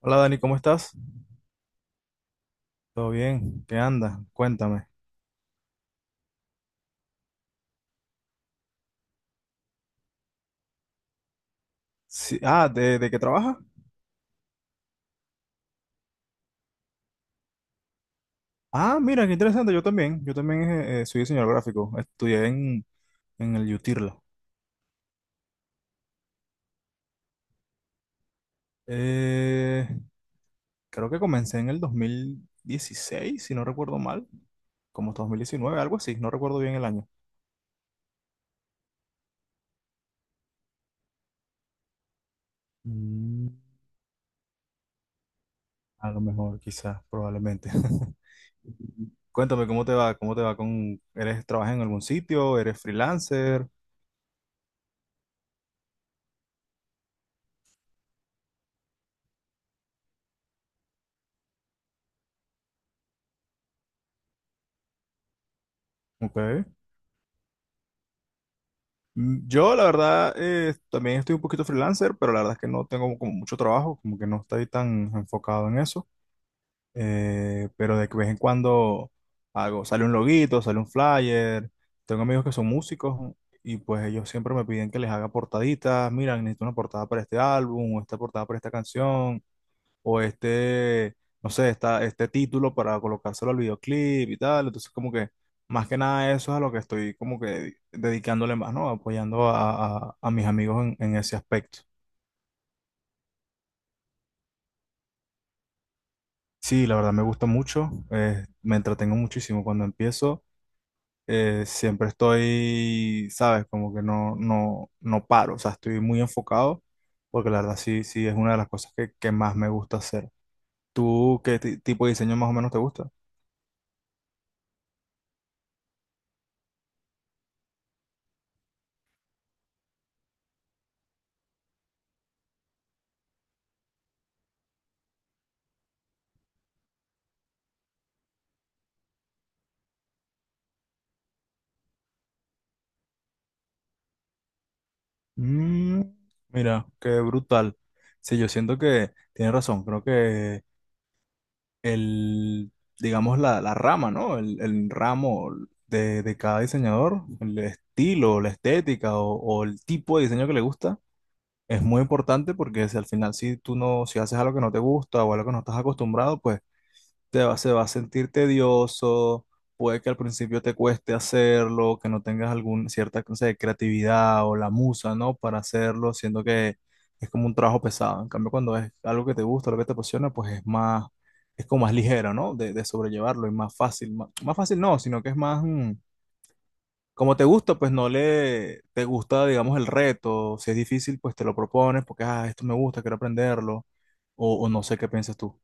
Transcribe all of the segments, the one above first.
Hola Dani, ¿cómo estás? ¿Todo bien? ¿Qué anda? Cuéntame. Sí, ah, ¿¿de qué trabajas? Ah, mira, qué interesante. Yo también. Yo también soy diseñador gráfico. Estudié en el UTIRLA. Eh, Creo que comencé en el 2016, si no recuerdo mal. Como 2019, algo así. No recuerdo bien el año. Mm, a lo mejor, quizás, probablemente. Cuéntame, ¿cómo te va? ¿Cómo te va con... ¿Eres, trabajas en algún sitio? ¿Eres freelancer? Ok. Mm, yo, la verdad, también estoy un poquito freelancer, pero la verdad es que no tengo como mucho trabajo, como que no estoy tan enfocado en eso. Pero de que vez en cuando sale un loguito, sale un flyer. Tengo amigos que son músicos y pues ellos siempre me piden que les haga portaditas. Mira, necesito una portada para este álbum o esta portada para esta canción o este, no sé, este título para colocárselo al videoclip y tal. Entonces, como que más que nada eso es a lo que estoy como que dedicándole más, ¿no? Apoyando a mis amigos en ese aspecto. Sí, la verdad me gusta mucho, me entretengo muchísimo cuando empiezo. Siempre estoy, ¿sabes? Como que no, no, no paro, o sea, estoy muy enfocado, porque la verdad sí, sí es una de las cosas que más me gusta hacer. ¿Tú qué tipo de diseño más o menos te gusta? Mm, mira, qué brutal. Sí, yo siento que tiene razón. Creo que el, digamos, la rama, ¿no? El ramo de cada diseñador, el estilo, la estética o el tipo de diseño que le gusta, es muy importante porque si al final, si tú no, si haces algo que no te gusta o algo que no estás acostumbrado, pues te va, se va a sentir tedioso, puede que al principio te cueste hacerlo, que no tengas alguna cierta, no sé, creatividad o la musa, ¿no? Para hacerlo, siendo que es como un trabajo pesado. En cambio, cuando es algo que te gusta, lo que te apasiona, pues es más, es como más ligero, ¿no? De sobrellevarlo y más fácil. Más, más fácil no, sino que es más, mm, como te gusta, pues no le, te gusta, digamos, el reto. Si es difícil, pues te lo propones porque, ah, esto me gusta, quiero aprenderlo. O no sé qué piensas tú.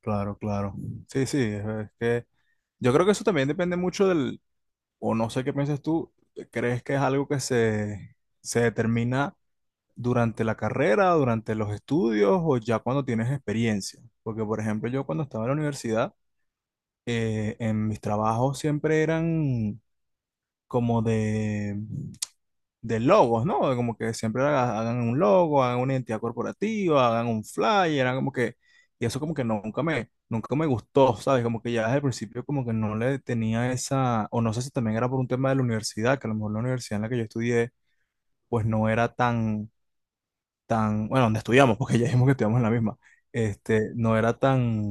Claro, claro. Sí, sí, es que yo creo que eso también depende mucho del, o no sé qué piensas tú, ¿crees que es algo que se determina durante la carrera, durante los estudios o ya cuando tienes experiencia? Porque, por ejemplo, yo cuando estaba en la universidad, en mis trabajos siempre eran como de logos, ¿no? Como que siempre hagan un logo, hagan una identidad corporativa, hagan un flyer, hagan como que, y eso como que nunca me, nunca me gustó, ¿sabes? Como que ya desde el principio como que no le tenía esa, o no sé si también era por un tema de la universidad, que a lo mejor la universidad en la que yo estudié, pues no era tan, tan, bueno, donde estudiamos, porque ya dijimos que estudiamos en la misma, este, no era tan,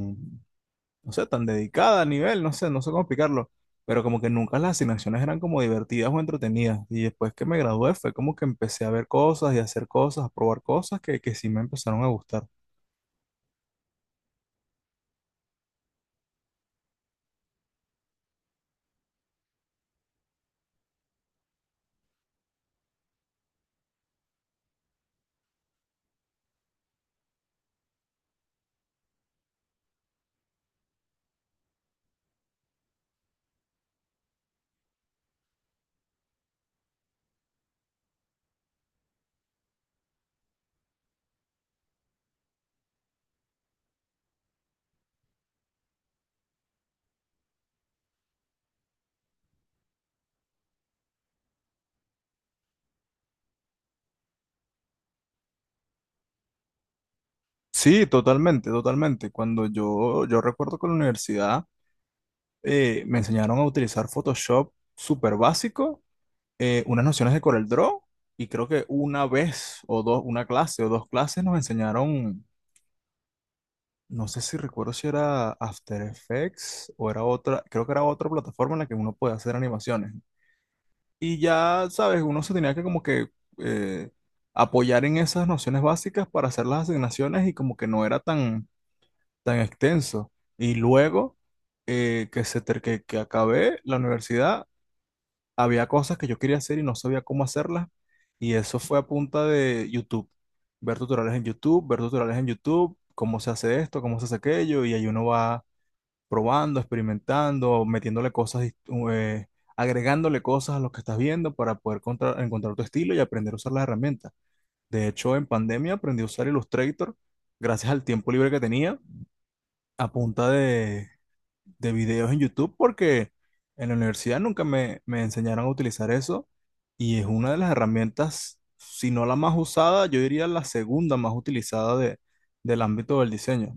no sé, tan dedicada a nivel, no sé, no sé cómo explicarlo, pero como que nunca las asignaciones eran como divertidas o entretenidas. Y después que me gradué fue como que empecé a ver cosas y a hacer cosas, a probar cosas que sí me empezaron a gustar. Sí, totalmente, totalmente. Cuando yo recuerdo que en la universidad me enseñaron a utilizar Photoshop súper básico, unas nociones de Corel Draw, y creo que una vez o dos, una clase o dos clases nos enseñaron. No sé si recuerdo si era After Effects o era otra, creo que era otra plataforma en la que uno puede hacer animaciones. ¿No? Y ya, sabes, uno se tenía que como que eh, apoyar en esas nociones básicas para hacer las asignaciones y como que no era tan, tan extenso. Y luego que, se ter- que acabé la universidad, había cosas que yo quería hacer y no sabía cómo hacerlas. Y eso fue a punta de YouTube, ver tutoriales en YouTube, ver tutoriales en YouTube, cómo se hace esto, cómo se hace aquello, y ahí uno va probando, experimentando, metiéndole cosas, eh, agregándole cosas a lo que estás viendo para poder encontrar tu estilo y aprender a usar las herramientas. De hecho, en pandemia aprendí a usar Illustrator gracias al tiempo libre que tenía a punta de videos en YouTube porque en la universidad nunca me, me enseñaron a utilizar eso y es una de las herramientas, si no la más usada, yo diría la segunda más utilizada de, del ámbito del diseño.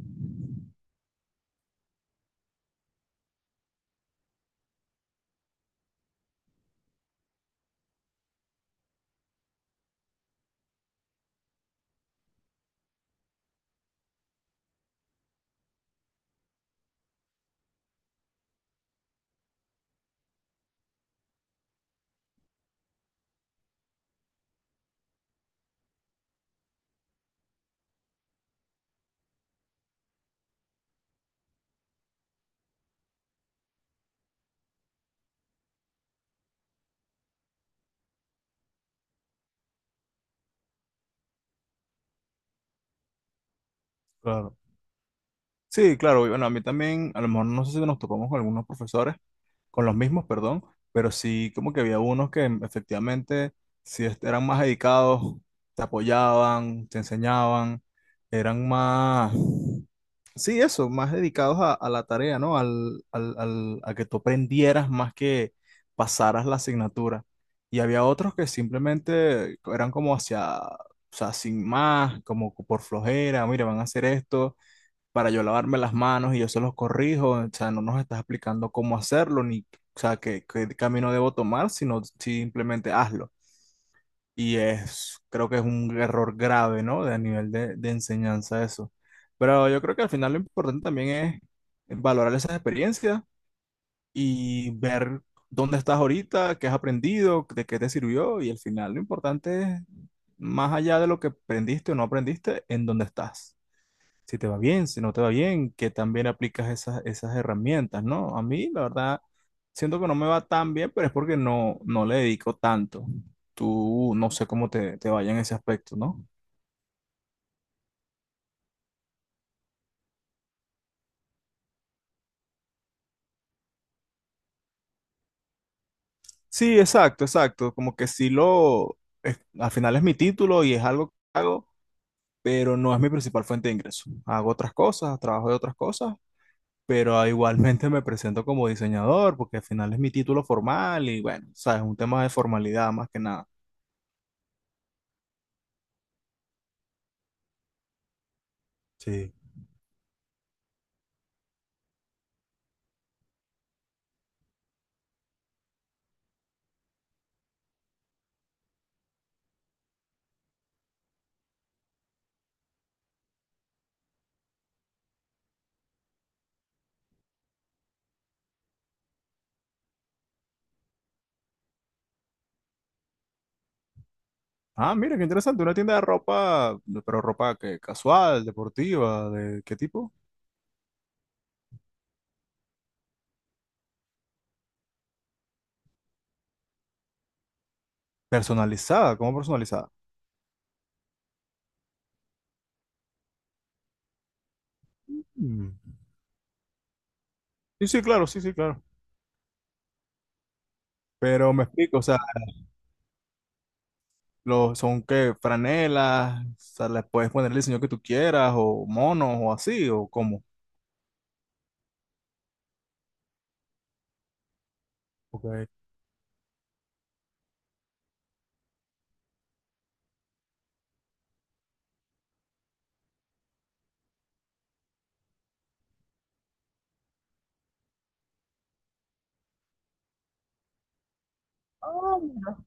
Claro. Sí, claro, y bueno, a mí también, a lo mejor no sé si nos topamos con algunos profesores, con los mismos, perdón, pero sí como que había unos que efectivamente eran más dedicados, te apoyaban, te enseñaban, eran más, sí, eso, más dedicados a la tarea, ¿no? Al a que tú aprendieras más que pasaras la asignatura. Y había otros que simplemente eran como hacia, o sea, sin más, como por flojera, mire, van a hacer esto para yo lavarme las manos y yo se los corrijo, o sea, no nos estás explicando cómo hacerlo ni, o sea, qué, qué camino debo tomar, sino simplemente hazlo. Y es, creo que es un error grave, ¿no? De a nivel de enseñanza eso. Pero yo creo que al final lo importante también es valorar esas experiencias y ver dónde estás ahorita, qué has aprendido, de qué te sirvió y al final lo importante es, más allá de lo que aprendiste o no aprendiste, en dónde estás si te va bien, si no te va bien, que también aplicas esas, esas herramientas, ¿no? A mí, la verdad, siento que no me va tan bien, pero es porque no, no le dedico tanto. Tú no sé cómo te, te vaya en ese aspecto, ¿no? Sí, exacto, exacto. Como que sí lo, al final es mi título y es algo que hago, pero no es mi principal fuente de ingreso. Hago otras cosas, trabajo de otras cosas, pero ah, igualmente me presento como diseñador porque al final es mi título formal y bueno, sabes, un tema de formalidad más que nada. Sí. Ah, mira, qué interesante. Una tienda de ropa, de- pero ropa que casual, deportiva, ¿de qué tipo? Personalizada, ¿cómo personalizada? Mm. Sí, sí, claro, sí, sí, claro. Pero me explico, o sea, los, son qué, franelas, o sea, les puedes poner el diseño que tú quieras, o monos, o así, o cómo. Ok. Ah, mira.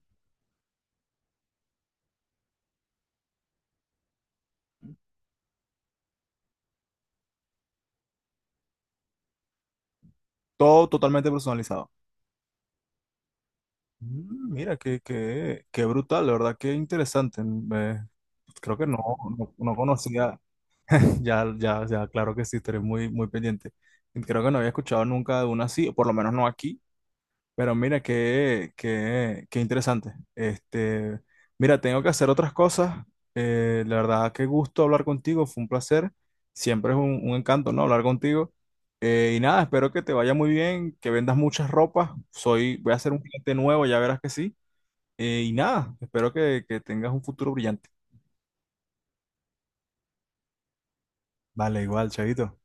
Todo totalmente personalizado. Mm, mira, qué, qué, qué brutal, la verdad, qué interesante. Creo que no, no, no conocía. Ya, ya, ya, claro que sí, estaré muy, muy pendiente. Creo que no había escuchado nunca de una así, o por lo menos no aquí. Pero mira, qué, qué, qué interesante. Este, mira, tengo que hacer otras cosas. La verdad, qué gusto hablar contigo, fue un placer. Siempre es un encanto, ¿no? Hablar contigo. Y nada, espero que te vaya muy bien, que vendas muchas ropas. Soy, voy a ser un cliente nuevo, ya verás que sí. Y nada, espero que tengas un futuro brillante. Vale, igual, chavito.